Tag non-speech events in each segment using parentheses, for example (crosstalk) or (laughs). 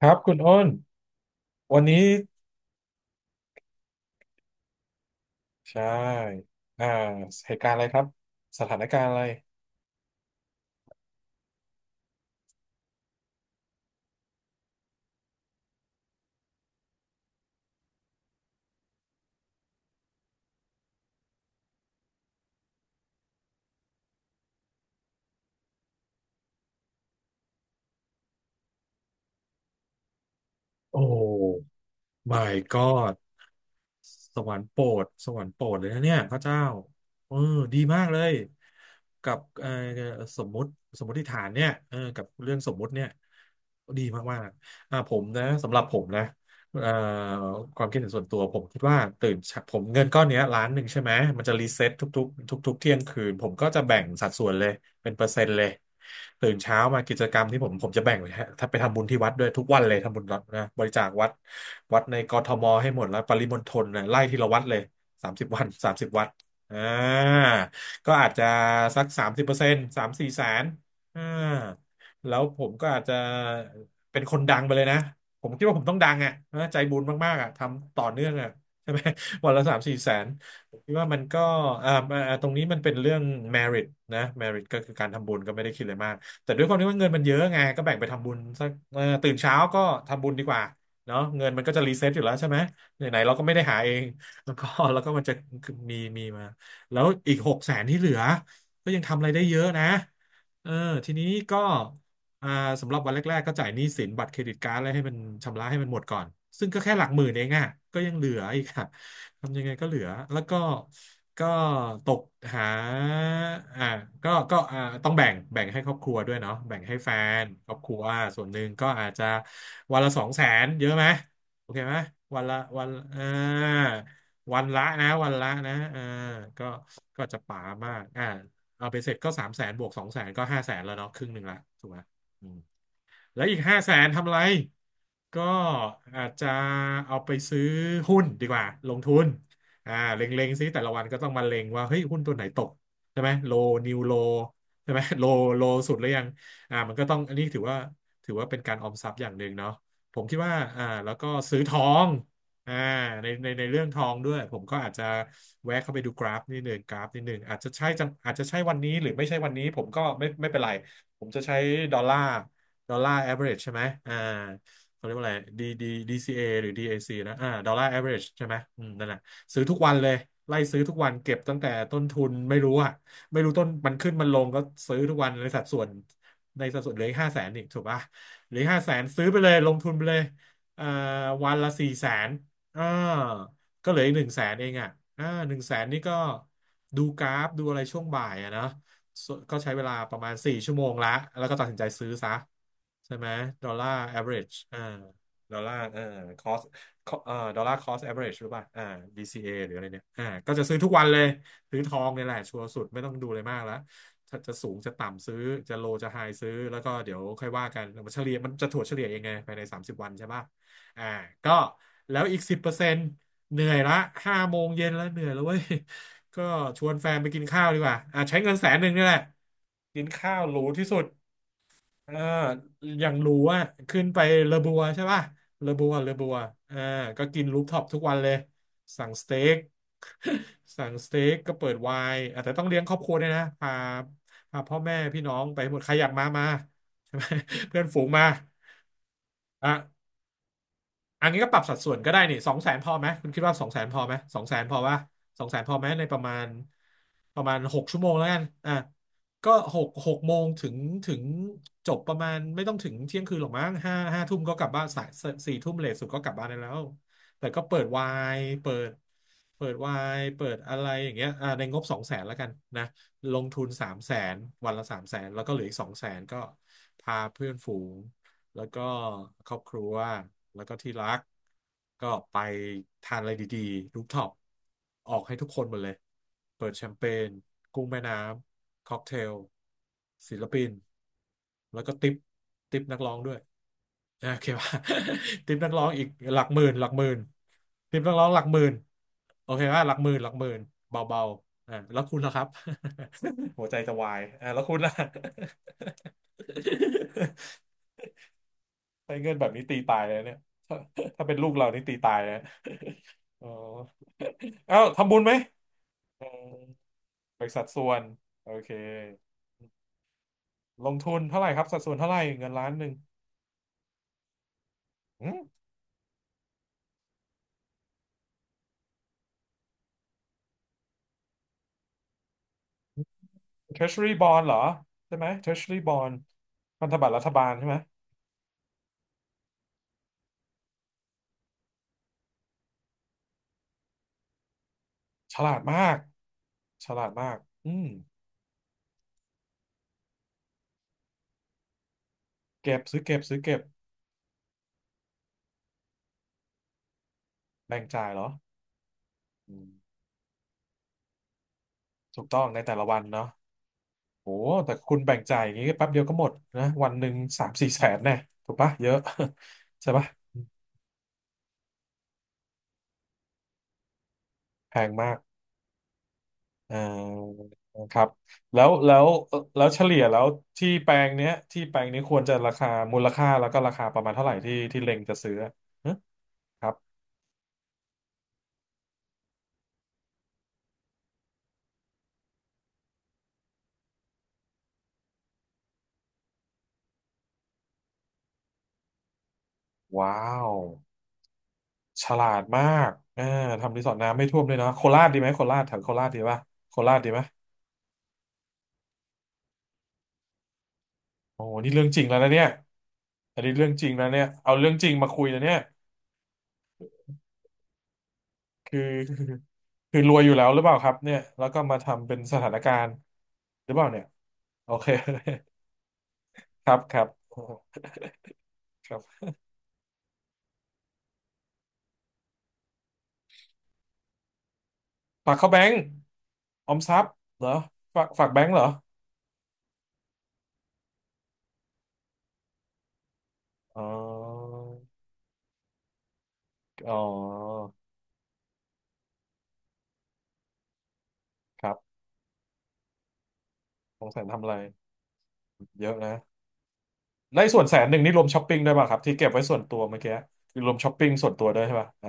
ครับคุณอ้นวันนี้ใช่อ่าเหตุการณ์อะไรครับสถานการณ์อะไรโอ้ my god สวรรค์โปรดสวรรค์โปรดเลยนะเนี่ยพระเจ้าเออดีมากเลยกับสมมุติสมมติฐานเนี่ยเออกับเรื่องสมมุติเนี่ยดีมากๆอ่าผมนะสำหรับผมนะเอ่อความคิดเห็นส่วนตัวผมคิดว่าตื่นเช้าผมเงินก้อนเนี้ยล้านหนึ่งใช่ไหมมันจะรีเซ็ตทุกๆทุกๆเที่ยงคืนผมก็จะแบ่งสัดส่วนเลย เป็นเปอร์เซ็นต์เลยตื่นเช้ามากิจกรรมที่ผมจะแบ่งไว้ฮะถ้าไปทำบุญที่วัดด้วยทุกวันเลยทำบุญวัดนะบริจาควัดวัดในกทมให้หมดแล้วปริมณฑลนะไล่ทีละวัดเลยสามสิบวันสามสิบวัดอ่าก็อาจจะสักสามสิบเปอร์เซ็นต์สามสี่แสนอ่าแล้วผมก็อาจจะเป็นคนดังไปเลยนะผมคิดว่าผมต้องดังอ่ะเออใจบุญมากๆอ่ะทำต่อเนื่องอ่ะใช่ไหม (laughs) วันละสามสี่แสน ผมคิดว่ามันก็ตรงนี้มันเป็นเรื่อง merit นะ merit ก็คือการทำบุญก็ไม่ได้คิดอะไรมากแต่ด้วยความที่ว่าเงินมันเยอะไงก็แบ่งไปทำบุญสักตื่นเช้าก็ทำบุญดีกว่าเนาะเงินมันก็จะรีเซ็ตอยู่แล้วใช่ไหมไหนๆเราก็ไม่ได้หาเองแล้วก็แล้วก็มันจะมีมาแล้วอีกหกแสนที่เหลือก็ยังทำอะไรได้เยอะนะเออทีนี้ก็อ่าสำหรับวันแรกๆก็จ่ายหนี้สินบัตรเครดิตการ์ดอะไรให้มันชำระให้มันหมดก่อนซึ่งก็แค่หลักหมื่นเองอ่ะก็ยังเหลืออีกค่ะ ทำยังไงก็เหลือ แล้วก็ก็ตกหาอ่าก็อ่าต้องแบ่งให้ครอบครัวด้วยเนาะแบ่งให้แฟนครอบครัวส่วนหนึ่งก็อาจจะวันละสองแสนเยอะไหม โอเคไหม วันละวันอ่าวันละนะอ่าก็ก็จะป๋ามากอ่าเอาไปเสร็จก็สามแสนบวกสองแสนก็ห้าแสนแล้วเนาะครึ่งหนึ่งละถูกไหมอืม แล้วอีกห้าแสนทำอะไรก็อาจจะเอาไปซื้อหุ้นดีกว่าลงทุนอ่าเล็งๆซิแต่ละวันก็ต้องมาเล็งว่าเฮ้ยหุ้นตัวไหนตกใช่ไหมโลนิวโลใช่ไหมโลโล (laughs) สุดหรือยังอ่ามันก็ต้องอันนี้ถือว่าถือว่าเป็นการออมทรัพย์อย่างหนึ่งเนาะผมคิดว่าอ่าแล้วก็ซื้อทองอ่าในเรื่องทองด้วยผมก็อาจจะแวะเข้าไปดูกราฟนิดหนึ่งอาจจะใช่จังอาจจะใช่วันนี้หรือไม่ใช่วันนี้ผมก็ไม่เป็นไรผมจะใช้ดอลลาร์ ดอลลาร์ average ใช่ไหมอ่าเขาเรียกว่าอะไร D ดีซีเอหรือดีเอซีนะอ่าดอลลาร์ average ใช่ไหมอืมนั่นแหละซื้อทุกวันเลยไล่ซื้อทุกวันเก็บตั้งแต่ต้นทุนไม่รู้อะไม่รู้ต้นมันขึ้นมันลงก็ซื้อทุกวันในสัดส่วนเหลืออีกห้าแสนอีกถูกป่ะเหลือห้าแสนซื้อไปเลยลงทุนไปเลยอ่าวันละสี่แสนอ่าก็เหลืออีกหนึ่งแสนเองอะอ่าหนึ่งแสนนี่ก็ดูกราฟดูอะไรช่วงบ่ายอะนะ ส่วนก็ใช้เวลาประมาณสี่ชั่วโมงละแล้วก็ตัดสินใจซื้อซะใช่ไหมดอลลาร์ average อ่าดอลลาร์cost ดอลลาร์ cost average หรือเปล่าอ่าดี c a หรืออะไรเนี่ยอ่าก็จะซื้อทุกวันเลยซื้อทองเนี่ยแหละชัวร์สุดไม่ต้องดูอะไรมากแล้วถ้าจะสูงจะต่ำซื้อจะโลจะไฮซื้อแล้วก็เดี๋ยวค่อยว่ากันมันเฉลี่ยมันจะถั่วเฉลี่ยเองไงภายใน30วันใช่ป่ะอ่าก็แล้วอีกสิบเปอร์เซ็นต์เหนื่อยละห้าโมงเย็นแล้วเหนื่อยแล้วเว้ย ก็ชวนแฟนไปกินข้าวดีกว่าอ่ะใช้เงินแสนหนึ่งนี่แหละ กินข้าวหรูที่สุดเอออย่างหรูอ่ะขึ้นไปเลอบัวใช่ป่ะเลอบัวอ่าก็กินรูฟท็อปทุกวันเลย สั่งสเต็ก (laughs) สั่งสเต็กก็เปิดไวน์อ่ะแต่ต้องเลี้ยงครอบครัวด้วยนะพาพ่อแม่พี่น้องไปหมดใครอยากมามาใช่ไหม (laughs) เพื่อนฝูงมาอ่ะ อันนี้ก็ปรับสัดส่วนก็ได้นี่สองแสนพอไหมคุณคิดว่าสองแสนพอไหมสองแสนพอว่ะสองแสนพอไหมในประมาณประมาณหกชั่วโมงแล้วกันอ่ะก็หกหกโมงถึงถึงจบประมาณไม่ต้องถึงเที่ยงคืนหรอกมั้งห้าห้าทุ่มก็กลับบ้านสายสี่ทุ่มเลทสุดก็กลับบ้านได้แล้วแต่ก็เปิดไวน์เปิดเปิดไวน์เปิดอะไรอย่างเงี้ยอ่ะในงบสองแสนแล้วกันนะลงทุนสามแสนวันละสามแสนแล้วก็เหลืออีกสองแสนก็พาเพื่อนฝูง แล้วก็ครอบครัวแล้วก็ที่รักก็ไปทานอะไรดีๆรูฟท็อปออกให้ทุกคนหมดเลยเปิดแชมเปญกุ้งแม่น้ำค็อกเทลศิลปิน แล้วก็ติปติปนักร้องด้วยอโอเคป่ะ (laughs) ติปนักร้องอีกหลักหมื่นหลักหมื่นติปนักร้องหลักหมื่นโอเคป่ะหลักหมื่นหลักหมื่นเบาๆอ่าแล้วคุณล่ะครับ (laughs) หัวใจจะวายอ่าแล้วคุณล่ะ (laughs) ใช้เงินแบบนี้ตีตายเลยเนี่ย (laughs) ถ้าถ้าเป็นลูกเรานี่ตีตายเลย (laughs) อ๋อ (laughs) เอ้าทำบุญไหมเออบริษัทส่วนโอเค ลงทุนเท่าไหร่ครับสัดส่วนเท่าไหร่เงินล้านหนึ่งหืม Treasury Bond เหรอใช่ไหม Treasury Bond พันธบัตรรัฐบาลใช่ไหมฉลาดมากฉลาดมากอืมเก็บซื้อเก็บซื้อเก็บ แบ่งจ่ายเหรออืมถูกต้องในแต่ละวันเนาะ โอ้แต่คุณแบ่งจ่ายอย่างนี้แป๊บเดียวก็หมดนะวันหนึ่งสามสี่แสนแน่ถูกปะเยอะ (laughs) ใช่ปะแพงมากอ่าครับแล้วแล้วแล้วเฉลี่ยแล้วที่แปลงเนี้ยที่แปลงนี้ควรจะราคามูลค่าแล้วก็ราคาประมาณเท่าไหร่ที่ที่เล็งจะซื้อฮะครับว้าวฉลาดมากอ่าทำรีสอร์ทน้ำไม่ท่วมด้วยนะโคราชดีไหมโคราชแถวโคราชดีปะโคราชดีไหมโอ้โหนี่เรื่องจริงแล้วนะเนี่ยอันนี้เรื่องจริงแล้วเนี่ยเอาเรื่องจริงมาคุยนะเนี่ย คือ (laughs) คือรวยอยู่แล้วหรือเปล่าครับเนี่ยแล้วก็มาทำเป็นสถานการณ์หรือเปล่าเนี่ยโอเค (laughs) ครับครับฝากเข้าแบงก์ออมทรัพย์เหรอฝากแบงก์เหรออ๋ออ๋อครับสองแสนทำอะไรเยอะนะในไ้ส่วนแสนหนึ่งนี่รวมช้อปปิ้งด้วยป่ะครับที่เก็บไว้ส่วนตัวเมื่อกี้คือรวมช้อปปิ้งส่วนตัวด้วยใช่ป่ะอ่า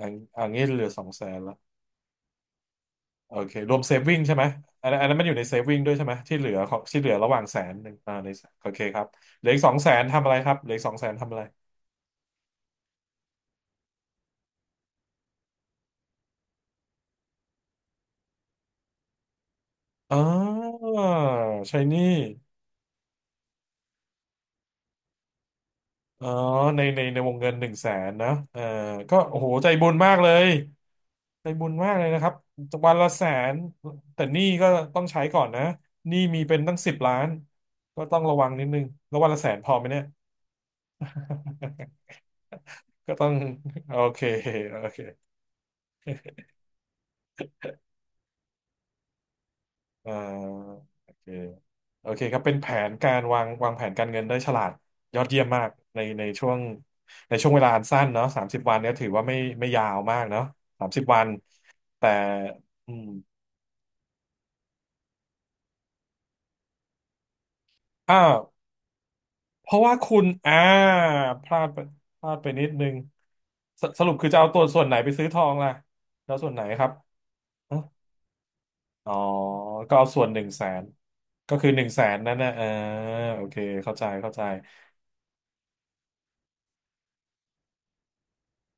อันอันนี้เหลือสองแสน โอเครวมเซฟวิ่งใช่ไหมอันนั้นมันอยู่ในเซฟวิ่งด้วยใช่ไหมที่เหลือของที่เหลือระหว่างแสนหนึ่งอ่าในโอเคครับเหลืออีกสองแสนทำอะไรครับเหลืออีกสองแสนทำอะไรอ๋อใช่หนี่อ๋อในวงเงินหนึ่งแสนนะเออก็โอ้โหใจบุญมากเลยใจบุญมากเลยนะครับวันละแสนแต่หนี้ก็ต้องใช้ก่อนนะหนี้มีเป็นตั้งสิบล้านก็ต้องระวังนิดนึงแล้ววันละแสนพอไหมเนี่ย (laughs) ก็ต้องโอเคโอเค อ่าโอเคโอเคครับเป็นแผนการวางวางแผนการเงินได้ฉลาดยอดเยี่ยมมากในช่วงในช่วงเวลาอันสั้นเนาะสามสิบวันเนี่ยถือว่าไม่ยาวมากเนาะสามสิบวันแต่อืมอ้าวเพราะว่าคุณอ่าพลาดไปพลาดไปนิดนึงสสรุปคือจะเอาตัวส่วนไหนไปซื้อทองล่ะแล้วส่วนไหนครับอ๋ออ๋อก็เอาส่วนหนึ่งแสนก็คือหนึ่งแสนนั่นนะเออโอเคเข้าใจเข้าใจ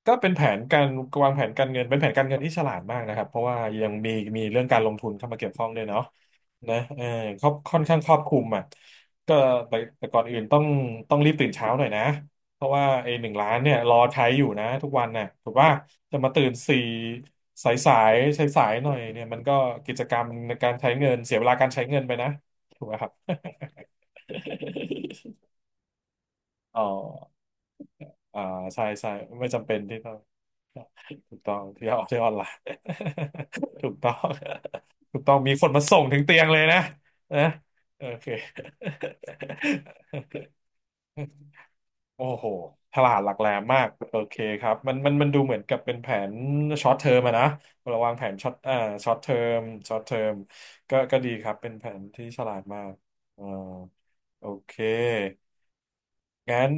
ก็เป็นแผนการวางแผนการเงินเป็นแผนการเงินที่ฉลาดมากนะครับเพราะว่ายังมีมีเรื่องการลงทุนเข้ามาเกี่ยวข้องด้วยเนาะนะเออครอบค่อนข้างครอบคลุมอ่ะก็แต่ก่อนอื่นต้องต้องรีบตื่นเช้าหน่อยนะเพราะว่าไอ้หนึ่งล้านเนี่ยรอใช้อยู่นะทุกวันน่ะถูกว่าจะมาตื่นสี่สายๆหน่อยเนี่ยมันก็กิจกรรมในการใช้เงินเสียเวลาการใช้เงินไปนะถูกไหมครับ (laughs) อ๋อ อ่าใช่ไม่จำเป็นที่ต้องถูกต้องที่ออนไลน์ (laughs) ถูกต้องถูกต้องมีคนมาส่งถึงเตียงเลยนะนะโอเค (laughs) โอ้โหฉลาดหลักแหลมมากโอเคครับมันดูเหมือนกับเป็นแผนช็อตเทอมอะนะเระวังแผนช็อตอ่าช็อตเทอมช็อตเทอมก็ก็ดีครับเป็นแผนที่ฉลาดมากอ่าโอเคงั้น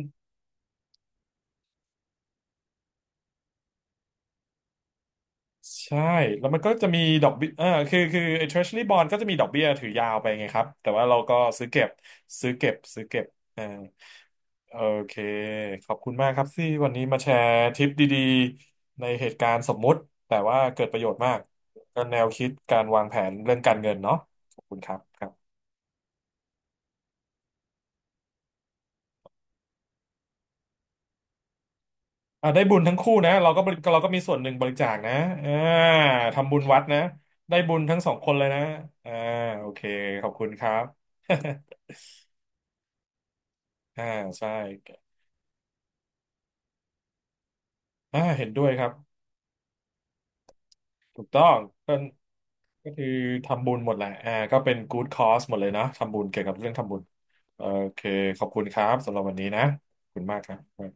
ใช่แล้วมันก็จะมีดอกเบี้ยเออคือไอ้ Treasury Bond ก็จะมีดอกเบี้ยถือยาวไปไงครับแต่ว่าเราก็ซื้อเก็บซื้อเก็บซื้อเก็บเออโอเคขอบคุณมากครับที่วันนี้มาแชร์ทริปดีๆในเหตุการณ์สมมุติแต่ว่าเกิดประโยชน์มากก็แนวคิดการวางแผนเรื่องการเงินเนาะขอบคุณครับครับอ่าได้บุญทั้งคู่นะเราก็บริเราก็มีส่วนหนึ่งบริจาคนะอ่าทำบุญวัดนะได้บุญทั้งสองคนเลยนะอ่าโอเคขอบคุณครับ (laughs) อ่าใช่อ่าเห็นด้วยครับถูกต้องก็ก็คือทำบุญหมดแหละอ่าก็เป็น good cause หมดเลยนะทำบุญเกี่ยวกับเรื่องทำบุญโอเคขอบคุณครับสำหรับวันนี้นะขอบคุณมากครับ